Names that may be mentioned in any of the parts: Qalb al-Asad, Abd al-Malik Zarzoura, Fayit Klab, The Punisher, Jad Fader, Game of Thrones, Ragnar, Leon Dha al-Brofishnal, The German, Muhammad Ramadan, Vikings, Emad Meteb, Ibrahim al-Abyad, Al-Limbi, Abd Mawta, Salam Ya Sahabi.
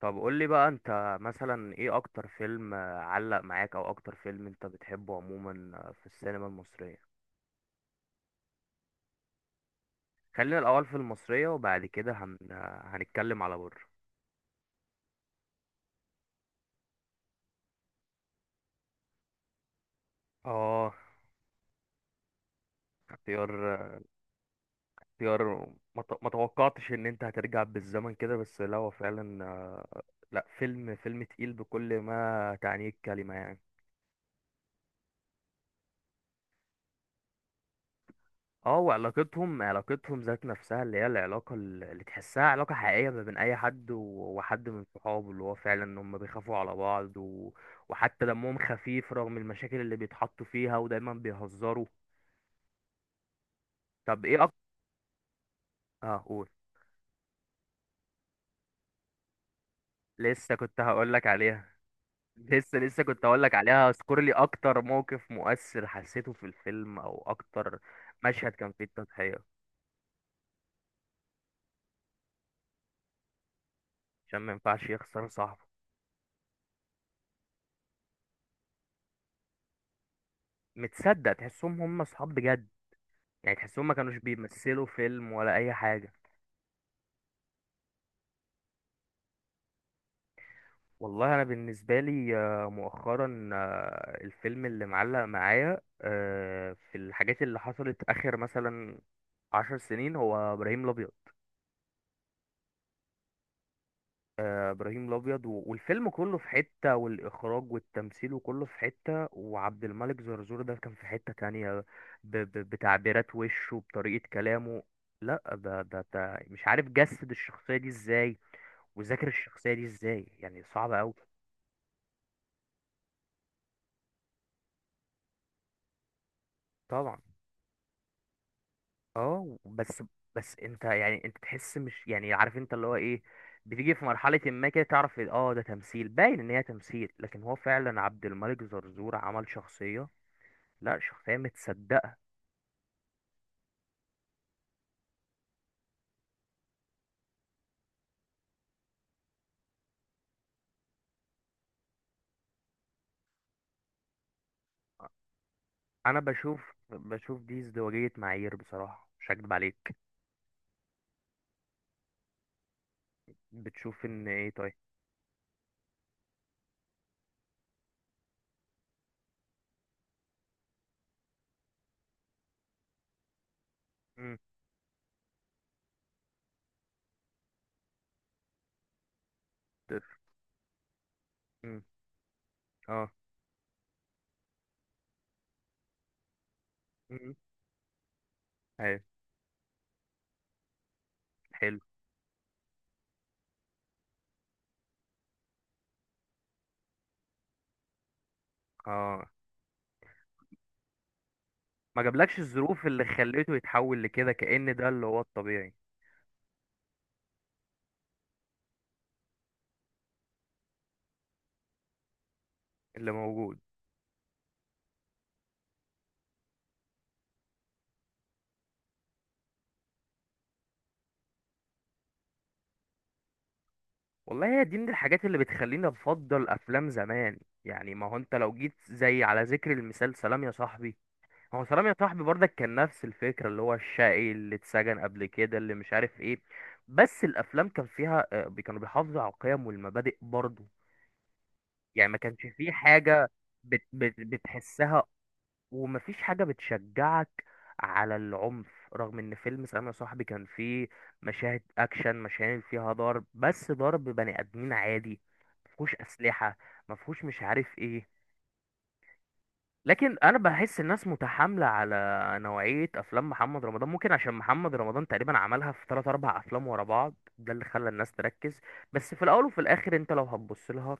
طب قول لي بقى انت مثلا ايه اكتر فيلم علق معاك او اكتر فيلم انت بتحبه عموما في السينما المصرية. خلينا الاول في المصرية وبعد كده هن... آه، هنتكلم على بره. اه، اختيار. اختيار ما توقعتش ان انت هترجع بالزمن كده، بس لا هو فعلا لا، فيلم تقيل بكل ما تعنيه الكلمة يعني. اه، وعلاقتهم ذات نفسها اللي هي العلاقة اللي تحسها علاقة حقيقية ما بين أي حد وحد من صحابه، اللي هو فعلا إن هما بيخافوا على بعض وحتى دمهم خفيف رغم المشاكل اللي بيتحطوا فيها، ودايما بيهزروا. طب ايه أكتر؟ اه قول. لسه كنت هقولك عليها. لسه كنت هقولك عليها. اذكر لي أكتر موقف مؤثر حسيته في الفيلم، أو أكتر مشهد كان فيه التضحية عشان ما ينفعش يخسر صاحبه. متصدق تحسهم هما صحاب بجد، يعني تحسهم ما كانوش بيمثلوا فيلم ولا اي حاجه. والله انا بالنسبه لي مؤخرا الفيلم اللي معلق معايا في الحاجات اللي حصلت اخر مثلا عشر سنين هو ابراهيم الابيض. ابراهيم الابيض والفيلم كله في حته، والاخراج والتمثيل وكله في حته. وعبد الملك زرزور ده كان في حته تانية، بتعبيرات وشه، بطريقه كلامه. لا ده مش عارف جسد الشخصيه دي ازاي، وذاكر الشخصيه دي ازاي يعني. صعبه قوي. طبعا. اه بس. بس انت يعني، انت تحس، مش يعني عارف انت اللي هو ايه، بتيجي في مرحلة ما كده تعرف اه ده تمثيل، باين ان هي تمثيل، لكن هو فعلا عبد الملك زرزور عمل شخصية. لا شخصية متصدقة. انا بشوف دي ازدواجية معايير بصراحة، مش هكدب عليك. بتشوف ان ايه؟ طيب. امم. طيب. امم. اه. امم. ايوه. حلو. اه، ما جابلكش الظروف اللي خليته يتحول لكده، كأن ده اللي هو الطبيعي، اللي موجود. والله هي دي من الحاجات اللي بتخليني افضل افلام زمان. يعني ما هو انت لو جيت، زي على ذكر المثال سلام يا صاحبي، هو سلام يا صاحبي برضك كان نفس الفكرة، اللي هو الشقي اللي اتسجن قبل كده اللي مش عارف ايه. بس الافلام كان فيها كانوا بيحافظوا على القيم والمبادئ برضه. يعني ما كانش فيه حاجة بت بت بتحسها، ومفيش حاجة بتشجعك على العنف، رغم ان فيلم سلام يا صاحبي كان فيه مشاهد اكشن، مشاهد فيها ضرب، بس ضرب بني ادمين عادي، مفهوش اسلحة، مفهوش مش عارف ايه. لكن انا بحس الناس متحامله على نوعيه افلام محمد رمضان، ممكن عشان محمد رمضان تقريبا عملها في 3 4 افلام ورا بعض، ده اللي خلى الناس تركز. بس في الاول وفي الاخر انت لو هتبص لها،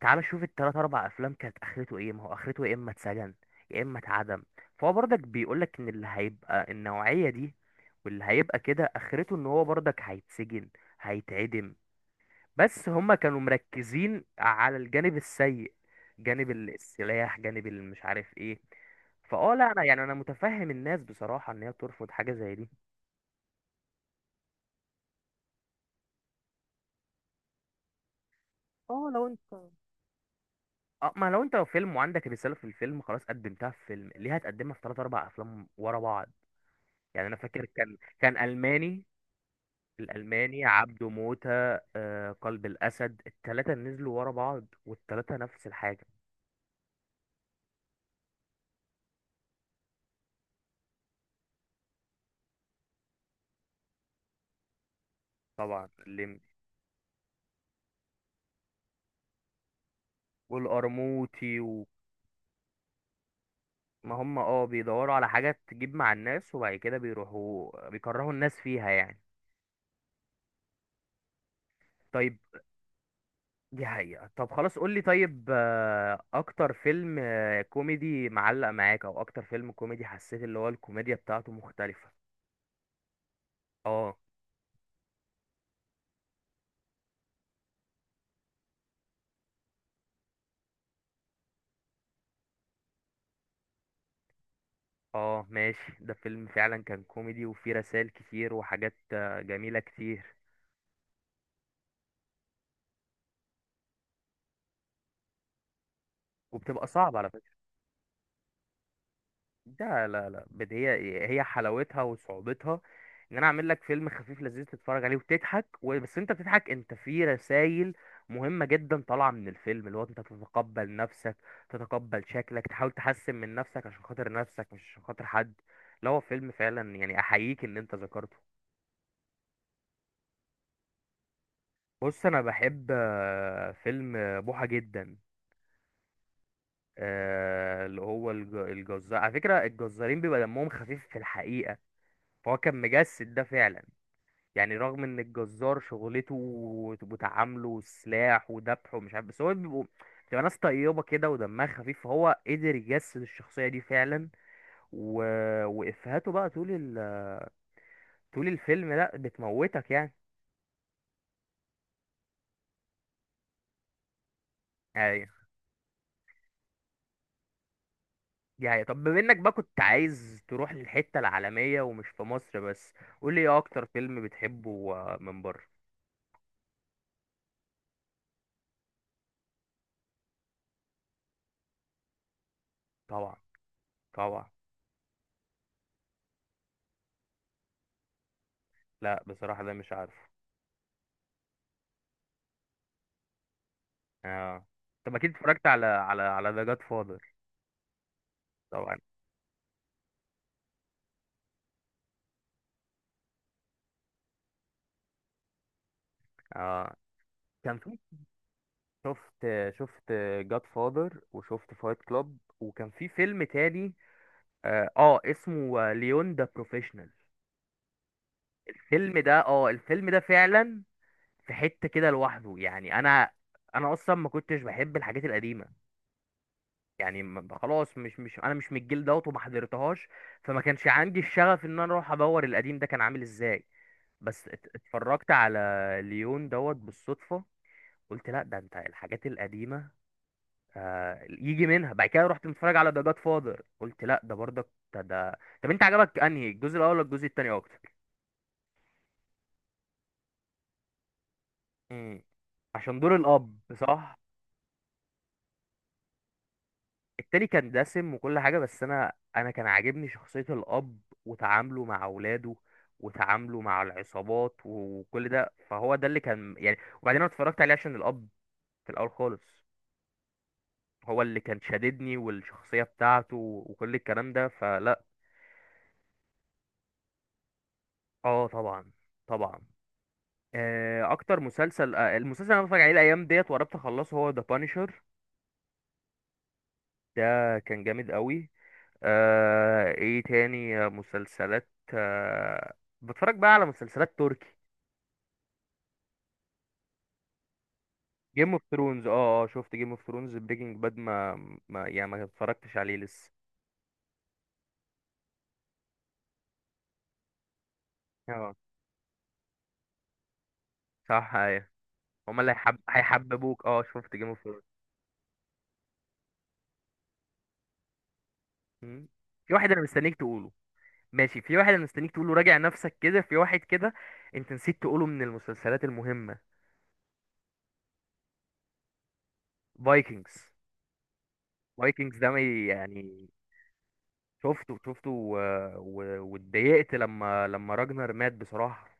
تعال شوف التلات اربع افلام كانت اخرته ايه، ما هو اخرته يا اما اتسجن يا اما اتعدم. فهو برضك بيقولك ان اللي هيبقى النوعيه دي، واللي هيبقى كده اخرته، ان هو برضك هيتسجن هيتعدم. بس هما كانوا مركزين على الجانب السيء، جانب السلاح، جانب مش عارف ايه. فاه، لا انا يعني، انا متفهم الناس بصراحة ان هي ترفض حاجة زي دي. اه لو انت، اه ما لو انت فيلم وعندك رسالة في الفيلم، خلاص قدمتها في فيلم، ليه هتقدمها في ثلاث اربع افلام ورا بعض؟ يعني انا فاكر كان الماني، الالماني، عبده موتة، آه قلب الاسد، الثلاثة نزلوا ورا بعض والثلاثة نفس الحاجة. طبعا الليمبي والقرموطي. ما هم اه بيدوروا على حاجة تجيب مع الناس، وبعد كده بيروحوا بيكرهوا الناس فيها يعني. طيب. دي حقيقة. طب خلاص قولي، طيب أكتر فيلم كوميدي معلق معاك، أو أكتر فيلم كوميدي حسيت اللي هو الكوميديا بتاعته مختلفة. اه. اه ماشي، ده فيلم فعلا كان كوميدي، وفيه رسائل كتير وحاجات جميلة كتير. وبتبقى صعبة على فكرة. لا لا لا، هي حلاوتها وصعوبتها، ان انا اعمل لك فيلم خفيف لذيذ تتفرج عليه وتضحك بس انت بتضحك، انت في رسائل مهمة جدا طالعة من الفيلم، اللي هو انت تتقبل نفسك، تتقبل شكلك، تحاول تحسن من نفسك عشان خاطر نفسك، مش عشان خاطر حد. لا هو فيلم فعلا يعني، احييك ان انت ذكرته. بص انا بحب فيلم بوحة جدا، اللي هو الجزار. على فكرة الجزارين بيبقى دمهم خفيف في الحقيقة، فهو كان مجسد ده فعلا. يعني رغم ان الجزار شغلته وتعامله والسلاح وذبحه ومش عارف، بس هو بيبقوا، بتبقى ناس طيبة كده ودمها خفيف، فهو قدر يجسد الشخصية دي فعلا. و... وإفهاته بقى طول الفيلم لا بتموتك يعني. ايوه. دي حقيقة. طب بما انك بقى كنت عايز تروح للحتة العالمية ومش في مصر بس، قول لي ايه اكتر فيلم بتحبه من بره؟ طبعا. طبعا. لا بصراحة ده مش عارفه. اه طب اكيد اتفرجت على ذا جاد فاذر. طبعا. اه كان في. شفت شفت جاد فاذر، وشفت فايت كلاب، وكان في فيلم تاني اه، اسمه ليون ذا بروفيشنال. الفيلم ده، اه الفيلم ده فعلا، في حتة كده لوحده يعني. انا، انا اصلا ما كنتش بحب الحاجات القديمة، يعني خلاص، مش انا مش من الجيل دوت وما حضرتهاش، فما كانش عندي الشغف ان انا اروح ادور القديم ده كان عامل ازاي. بس اتفرجت على ليون دوت بالصدفة، قلت لا ده انت الحاجات القديمة يجي منها. بعد كده رحت متفرج على ذا جاد فاذر قلت لا ده برضك. ده طب انت عجبك انهي الجزء الاول ولا الجزء التاني اكتر؟ امم، عشان دور الاب، صح. التاني كان دسم وكل حاجه، بس انا، انا كان عاجبني شخصيه الاب، وتعامله مع اولاده، وتعامله مع العصابات وكل ده، فهو ده اللي كان يعني. وبعدين انا اتفرجت عليه عشان الاب في الاول خالص، هو اللي كان شاددني، والشخصيه بتاعته وكل الكلام ده فلا. اه طبعا. طبعا. اكتر مسلسل المسلسل اللي انا بتفرج عليه الايام ديت، وقربت اخلصه، هو ذا بانشر. ده كان جامد قوي. ايه تاني مسلسلات بتفرج بقى على مسلسلات تركي. جيم اوف ثرونز، اه اه شفت جيم اوف ثرونز. بريكنج باد ما يعني ما اتفرجتش عليه لسه. اه صح ايوه. هما اللي هيحببوك. اه شفت جيم اوف ثرونز. في واحد انا مستنيك تقوله. ماشي، في واحد انا مستنيك تقوله، راجع نفسك كده، في واحد كده انت نسيت تقوله من المسلسلات المهمة: فايكنجز. فايكنجز ده ما ي- يعني شفته واتضايقت لما راجنر مات بصراحة.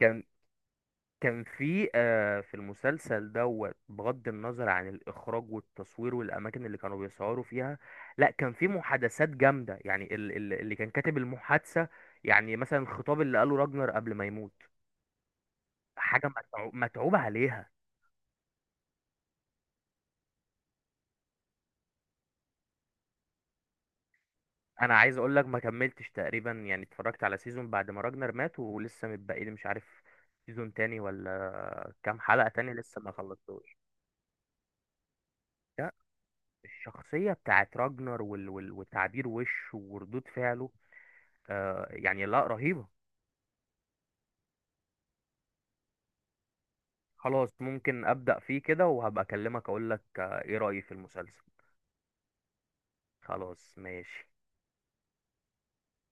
كان، كان في المسلسل دوت، بغض النظر عن الإخراج والتصوير والأماكن اللي كانوا بيصوروا فيها، لا كان في محادثات جامدة يعني، اللي كان كاتب المحادثة، يعني مثلا الخطاب اللي قاله راجنر قبل ما يموت، حاجة متعوب عليها. أنا عايز أقول لك ما كملتش تقريبا، يعني اتفرجت على سيزون بعد ما راجنر مات ولسه متبقي لي مش عارف سيزون تاني ولا كام حلقة تاني لسه ما خلصتوش. لا الشخصية بتاعت راجنر وتعبير وشه وردود فعله، آه يعني لا رهيبة. خلاص ممكن أبدأ فيه كده، وهبقى أكلمك أقولك آه إيه رأيي في المسلسل. خلاص ماشي.